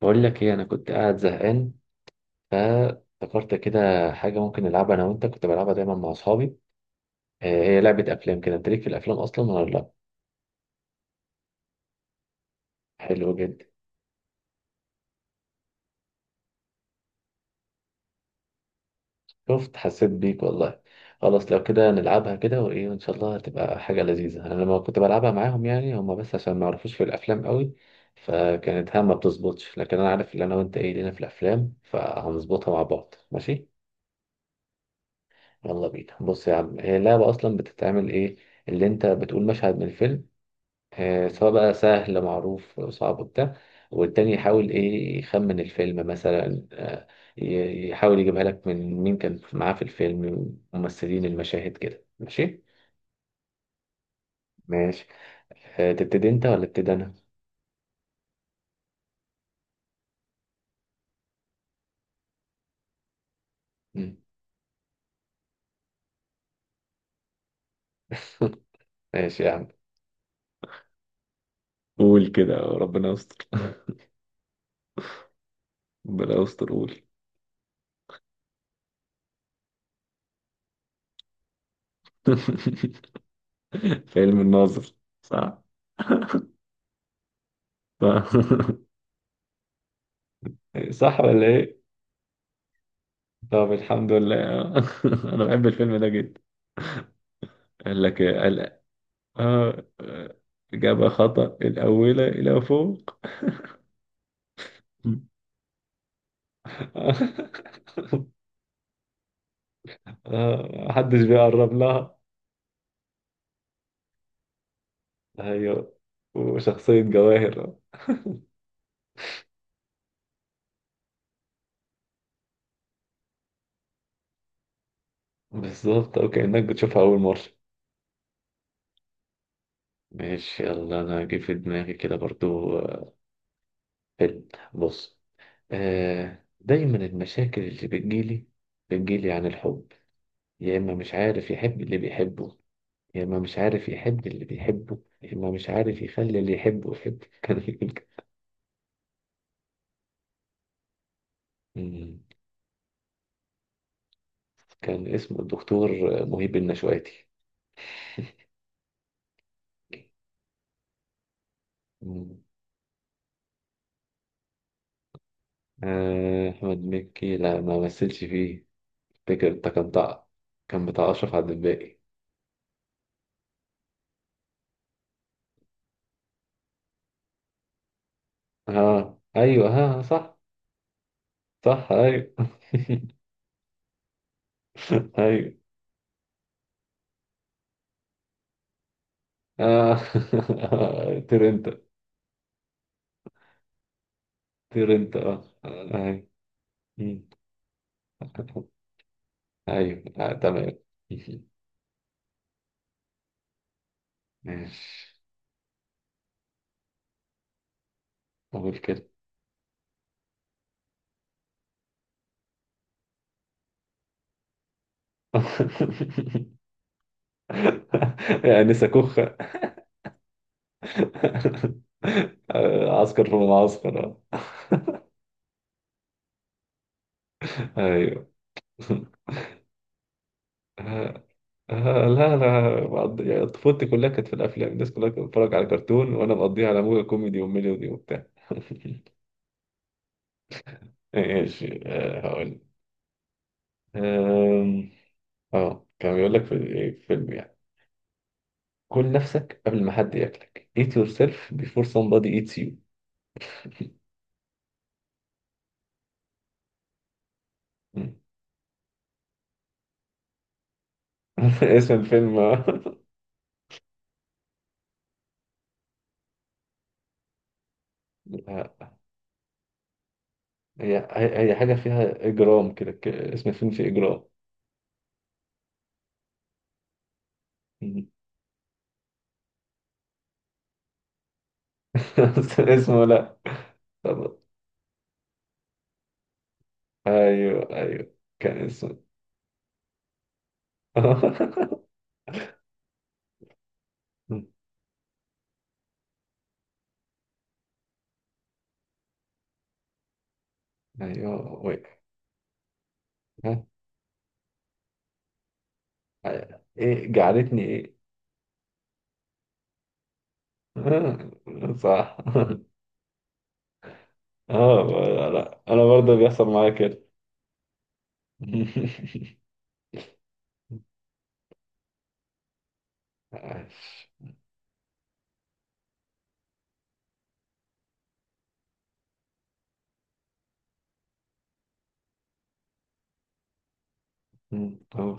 بقول لك ايه؟ انا كنت قاعد زهقان، فافتكرت كده حاجه ممكن نلعبها انا وانت، كنت بلعبها دايما مع اصحابي. هي لعبه افلام، كده انت ليك في الافلام اصلا ولا لا؟ حلو جدا. شفت؟ حسيت بيك والله. خلاص لو كده نلعبها كده، وايه وان شاء الله هتبقى حاجه لذيذه. انا لما كنت بلعبها معاهم يعني هم بس عشان ما يعرفوش في الافلام قوي، فكانت ها ما بتظبطش، لكن انا عارف ان انا وانت ايه لينا في الافلام، فهنظبطها مع بعض، ماشي؟ يلا بينا. بص يا عم، هي اللعبه اصلا بتتعمل ايه؟ اللي انت بتقول مشهد من الفيلم، سواء بقى سهل معروف صعب وبتاع. والتاني يحاول ايه، يخمن الفيلم مثلا. يحاول يجيبها لك من مين كان معاه في الفيلم، ممثلين، المشاهد كده. ماشي؟ ماشي. تبتدي انت ولا ابتدي انا؟ مم. ماشي يا عم. قول كده ربنا يستر. ربنا يستر، قول. فيلم الناظر. صح؟ صح. صح ولا ايه؟ طب الحمد لله. انا بحب الفيلم ده جدا. قال لك آه آه، إجابة خطأ، الأولى إلى فوق. محدش بيقرب لها. أيوة. وشخصية جواهر. بالظبط، أو كأنك بتشوفها أول مرة. ماشي، يلا أنا هجيب في دماغي كده برضو. فيلم. بص. دايما المشاكل اللي بتجيلي عن الحب، يا إما مش عارف يحب اللي بيحبه، يا إما مش عارف يحب اللي بيحبه، يا إما مش عارف يخلي اللي يحبه يحبه. كان يقول كده. مم. كان اسمه الدكتور مهيب النشواتي. مم. أحمد مكي لا، ما مثلش فيه. فاكر ده كان بتاع، كان بتاع أشرف عبد الباقي. اه أيوه. ها صح. صح، أيوه. أيوه. آه. طير أنت. طير أنت، اه أيوه. مم. أيوه، تمام. ماشي، أقول كده. يعني سكوخ. عسكر في المعسكر. آه. ايوه. آه، لا انا يعني طفولتي كلها كانت في الافلام، الناس كلها كانت بتتفرج على كرتون، وانا مقضيها على موجة كوميدي وميلودي وبتاع. ماشي، هقول. آم، اه كان بيقول لك في ايه في فيلم يعني، كل نفسك قبل ما حد ياكلك. eat yourself before somebody eats you. مم. اسم الفيلم. آه. هي هي حاجة فيها إجرام كده، اسم الفيلم فيه إجرام. اسمه، لا. طب. ايوه ايوه، كان اسمه. ايوه ويك. ها. ايه جعلتني ايه. آه، صح. اه لا، انا برضه بيحصل معايا كده. عاش. أوه.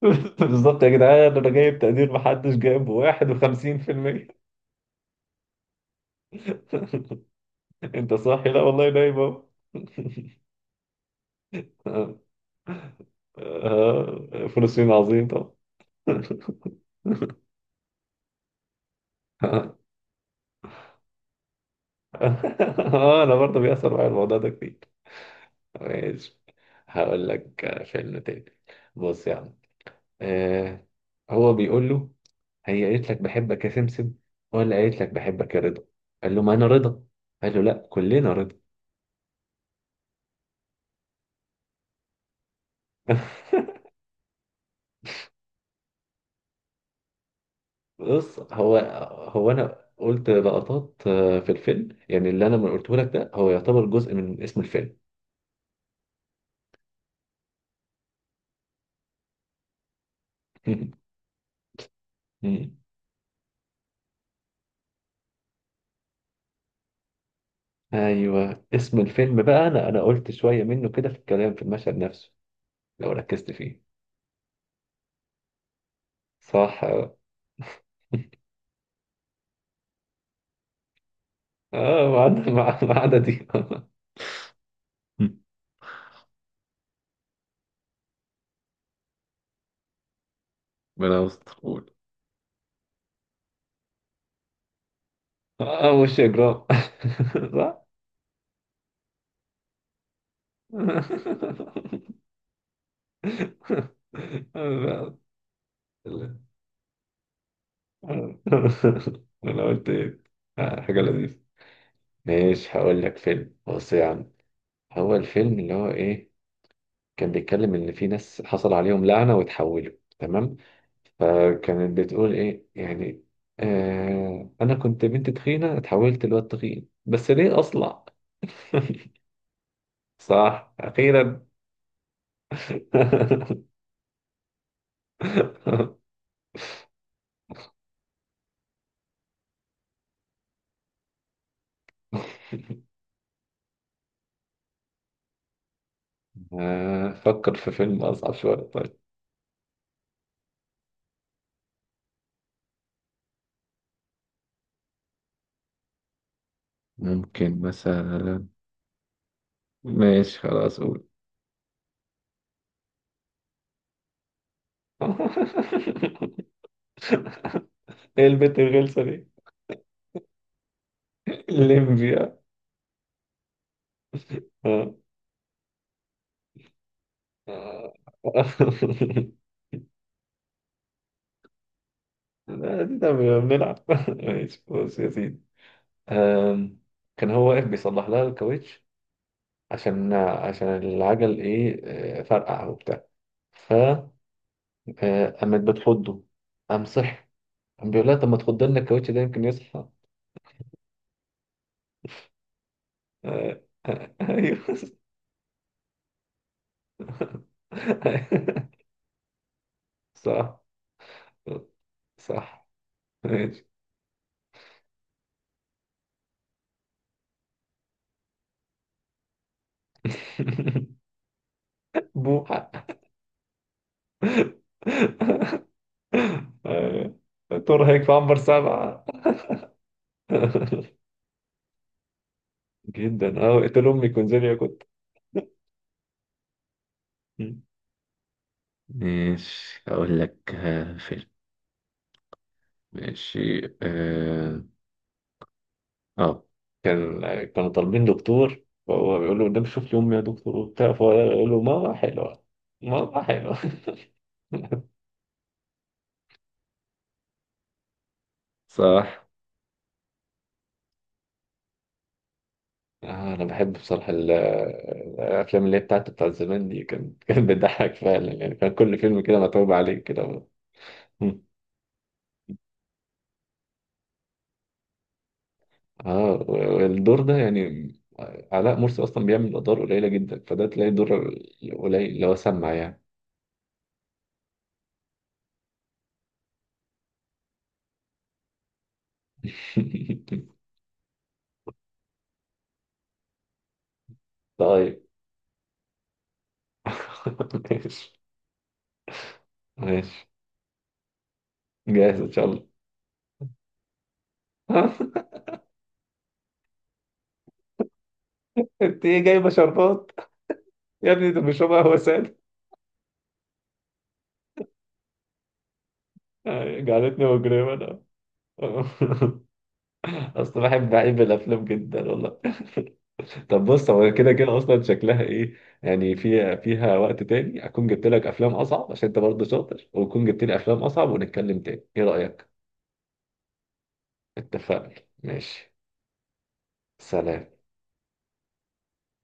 بالظبط يا جدعان، انا جايب تقدير محدش جايبه 51%. انت صاحي؟ لا والله نايم اهو. آه، فلسطين عظيم طبعا. اه انا برضه بيأثر معايا الموضوع ده كتير. ماشي، هقول لك فيلم تاني. بص يا عم. آه هو بيقول له هي قالت لك بحبك يا سمسم ولا قالت لك بحبك يا رضا. قال له ما انا رضا. قال له لا كلنا رضا. بص، هو هو انا قلت لقطات في الفيلم يعني، اللي انا ما قلته لك ده هو يعتبر جزء من اسم الفيلم. مم. ايوه اسم الفيلم بقى، انا قلت شويه منه كده في الكلام في المشهد نفسه، لو ركزت فيه. صح اه. وعدنا مع عددي. ربنا يستر، قول. اه وش يا جرام. صح. لا. انا قلت ايه؟ حاجه لذيذه. ماشي، هقول لك فيلم. بص يا عم، هو الفيلم اللي هو ايه، كان بيتكلم ان في ناس حصل عليهم لعنه وتحولوا، تمام؟ فكانت بتقول ايه يعني، انا كنت بنت تخينه اتحولت لواد تخين بس ليه اصلع. صح، أخيرا. فكر في فيلم أصعب شوية طيب، ممكن مثلا. ماشي خلاص قول. إيه البت الغلسة دي؟ الليمبيا. آه. آه. لا دي ده بنلعب. ماشي، بص يا سيدي. آم، كان هو واقف بيصلح لها الكاوتش، عشان العجل إيه، فرقع وبتاع، فقامت بتحضه، قام صحي، الحمد لله، طب ما تخض لنا الكاوتش ده يمكن يصحى. ايوه. صح صح. ماشي. بوحة. آه، ترهق في عنبر سبعة. جدا اه، اقتل امي كونزيليا كنت. ماشي، اقول لك فيلم. ماشي اه. آه. كانوا طالبين دكتور، فهو بيقول له قدام شوف لي امي يا دكتور وبتاع، فهو يقول له ماما حلوه. ماما حلوه. صح. انا بحب بصراحه الافلام اللي هي بتاعت بتاع زمان دي كان كان بتضحك فعلا يعني، كان كل فيلم كده متعوب عليه كده. مم. اه والدور ده يعني علاء مرسي اصلا بيعمل ادوار قليله جدا، فده تلاقي دور قليل اللي هو سمع يعني. طيب. ماشي. ماشي جاهز ان شاء الله. انت ايه جايبه شربات؟ يا ابني ده بيشرب قهوه ساده. جعلتني مجرما. انا اصلا بحب الافلام جدا والله. طب بص، هو كده كده اصلا شكلها ايه، يعني فيها وقت تاني اكون جبت لك افلام اصعب عشان انت برضه شاطر، واكون جبت لي افلام اصعب، ونتكلم تاني، ايه رايك؟ اتفقنا. ماشي. سلام.